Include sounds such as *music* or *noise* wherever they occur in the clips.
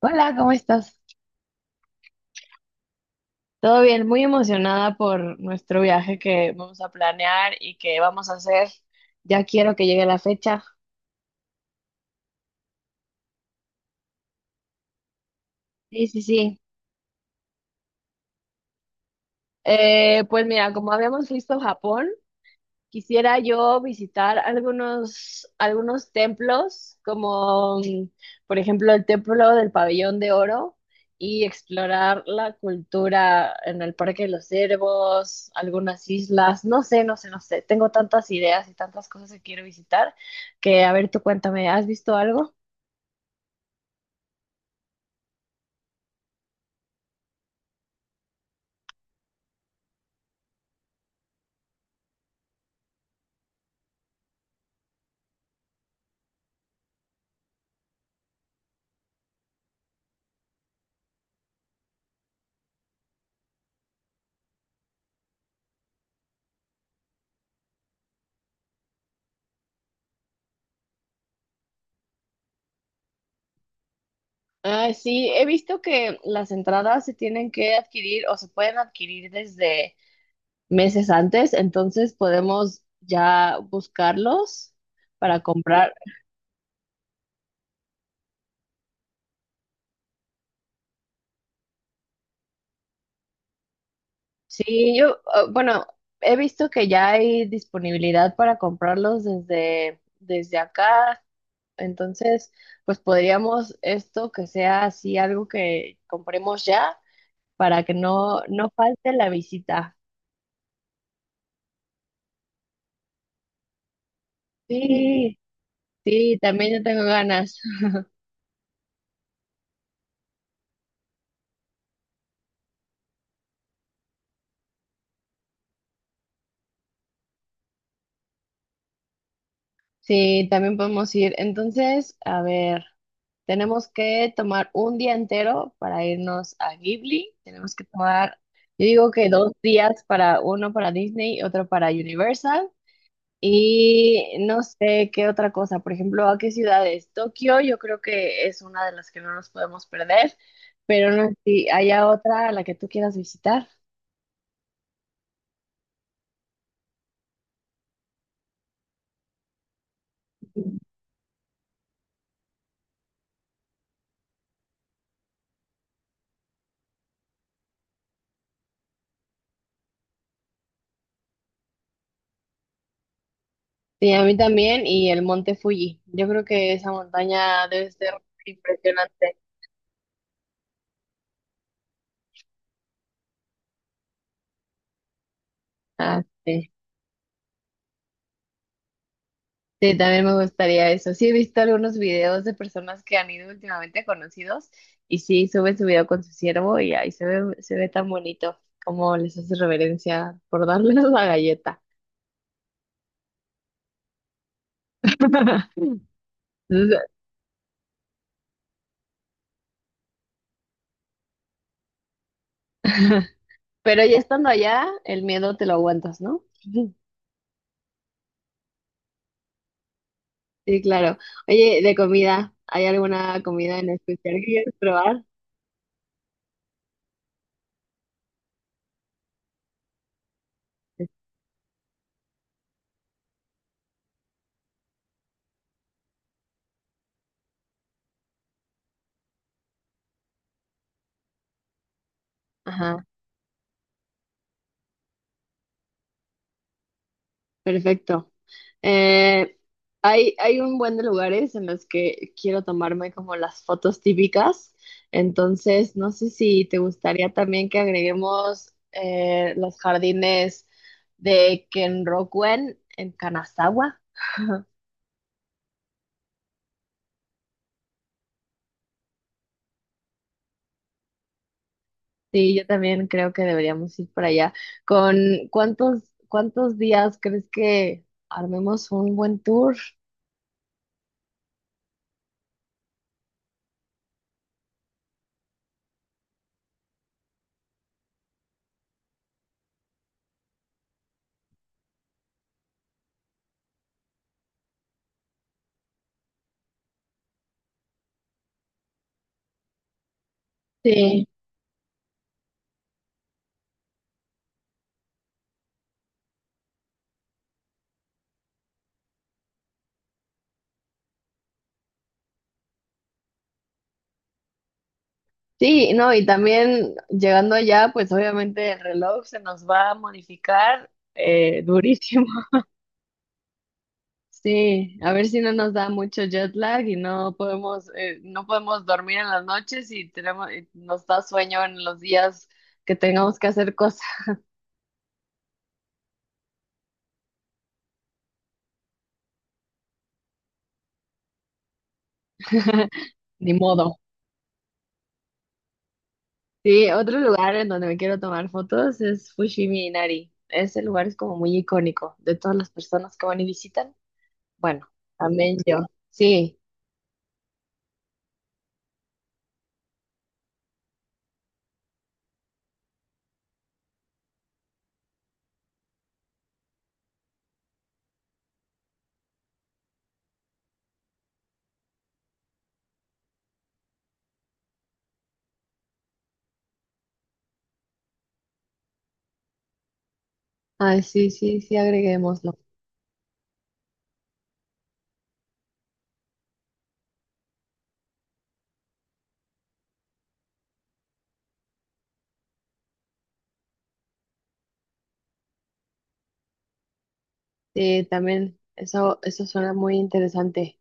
Hola, ¿cómo estás? Todo bien, muy emocionada por nuestro viaje que vamos a planear y que vamos a hacer. Ya quiero que llegue la fecha. Sí, sí, sí. Pues mira, como habíamos visto Japón, quisiera yo visitar algunos templos, por ejemplo el templo del Pabellón de Oro, y explorar la cultura en el Parque de los Cervos, algunas islas, no sé, no sé, no sé. Tengo tantas ideas y tantas cosas que quiero visitar que, a ver, tú cuéntame, ¿has visto algo? Ah, sí, he visto que las entradas se tienen que adquirir o se pueden adquirir desde meses antes, entonces podemos ya buscarlos para comprar. Sí, yo, ah, bueno, he visto que ya hay disponibilidad para comprarlos desde acá, entonces, pues podríamos esto que sea así algo que compremos ya para que no falte la visita. Sí, sí, también yo tengo ganas. Sí, también podemos ir. Entonces, a ver, tenemos que tomar un día entero para irnos a Ghibli. Tenemos que tomar, yo digo que dos días, para uno para Disney, otro para Universal. Y no sé qué otra cosa. Por ejemplo, ¿a qué ciudades? Tokio, yo creo que es una de las que no nos podemos perder, pero no sé si haya otra a la que tú quieras visitar. Sí, a mí también, y el monte Fuji. Yo creo que esa montaña debe ser impresionante. Ah, sí. Sí, también me gustaría eso. Sí, he visto algunos videos de personas que han ido últimamente a conocidos y sí, suben su video con su ciervo y ahí se ve tan bonito como les hace reverencia por darles la galleta. *laughs* Entonces, *laughs* pero ya estando allá, el miedo te lo aguantas, ¿no? *laughs* Sí, claro. Oye, de comida, ¿hay alguna comida en especial que quieras probar? Ajá, perfecto. Eh, Hay, hay un buen de lugares en los que quiero tomarme como las fotos típicas. Entonces, no sé si te gustaría también que agreguemos los jardines de Kenrokuen en Kanazawa. Sí, yo también creo que deberíamos ir para allá. ¿Con cuántos, cuántos días crees que armemos un buen tour? Sí. Sí, no, y también llegando allá, pues obviamente el reloj se nos va a modificar, durísimo. *laughs* Sí, a ver si no nos da mucho jet lag y no podemos, no podemos dormir en las noches, y tenemos, y nos da sueño en los días que tengamos que hacer cosas. *laughs* Ni modo. Sí, otro lugar en donde me quiero tomar fotos es Fushimi Inari. Ese lugar es como muy icónico de todas las personas que van y visitan. Bueno, también yo. Sí. Ay, sí, sí, sí, agreguémoslo. Sí, también eso suena muy interesante.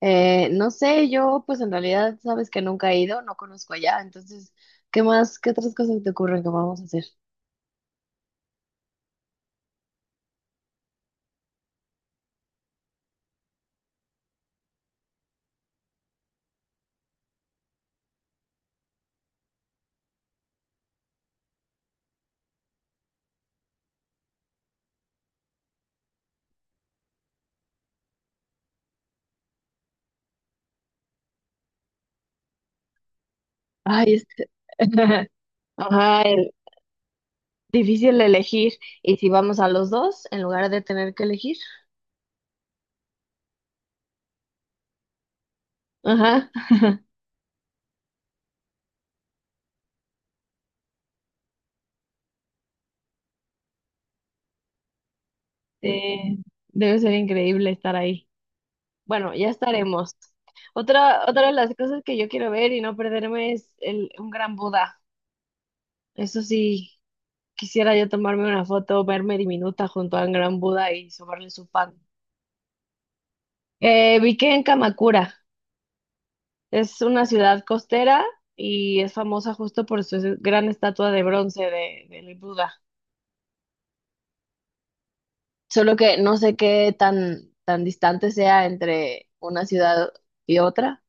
No sé, yo pues en realidad sabes que nunca he ido, no conozco allá, entonces, ¿qué más, qué otras cosas te ocurren que vamos a hacer? Ay, este... *laughs* Ajá, difícil elegir. ¿Y si vamos a los dos en lugar de tener que elegir? Ajá. *laughs* Eh, Debe ser increíble estar ahí. Bueno, ya estaremos. Otra, otra de las cosas que yo quiero ver y no perderme es el, un gran Buda. Eso sí. Quisiera yo tomarme una foto, verme diminuta junto a un gran Buda y sobarle su pan. Vi que en Kamakura es una ciudad costera y es famosa justo por su gran estatua de bronce de, del Buda. Solo que no sé qué tan, tan distante sea entre una ciudad y otra.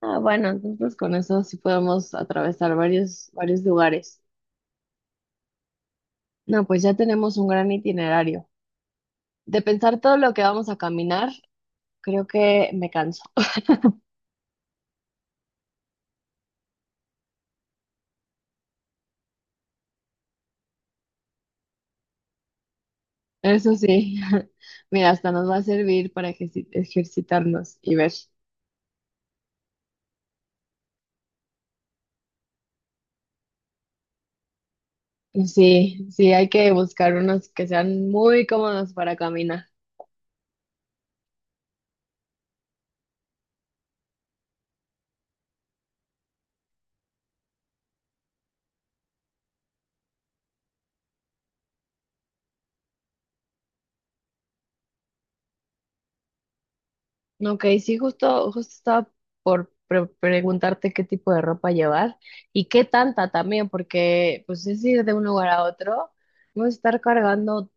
Ah, bueno, entonces con eso sí podemos atravesar varios, varios lugares. No, pues ya tenemos un gran itinerario. De pensar todo lo que vamos a caminar, creo que me canso. Eso sí, *laughs* mira, hasta nos va a servir para ejercitarnos y ver. Sí, sí, hay que buscar unos que sean muy cómodos para caminar. No, ok, sí, justo, justo estaba por preguntarte qué tipo de ropa llevar y qué tanta también, porque pues es ir de un lugar a otro, vamos a estar cargando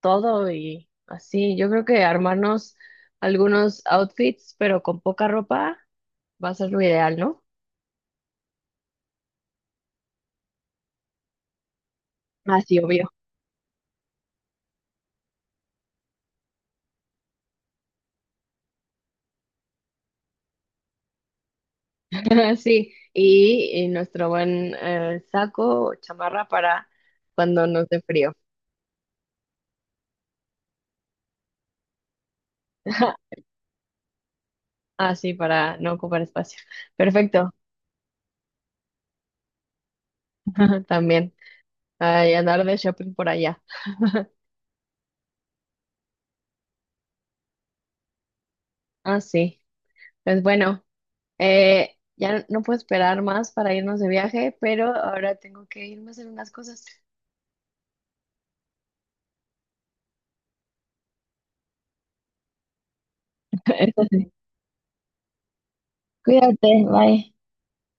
todo y así. Yo creo que armarnos algunos outfits, pero con poca ropa, va a ser lo ideal, ¿no? Así, obvio. *laughs* Sí, y nuestro buen, saco o chamarra para cuando nos dé frío. *laughs* Ah, sí, para no ocupar espacio. Perfecto, *laughs* también. Ay, andar de shopping por allá. Ah, sí. Pues bueno, ya no puedo esperar más para irnos de viaje, pero ahora tengo que irme a hacer unas cosas. *laughs* Cuídate, bye.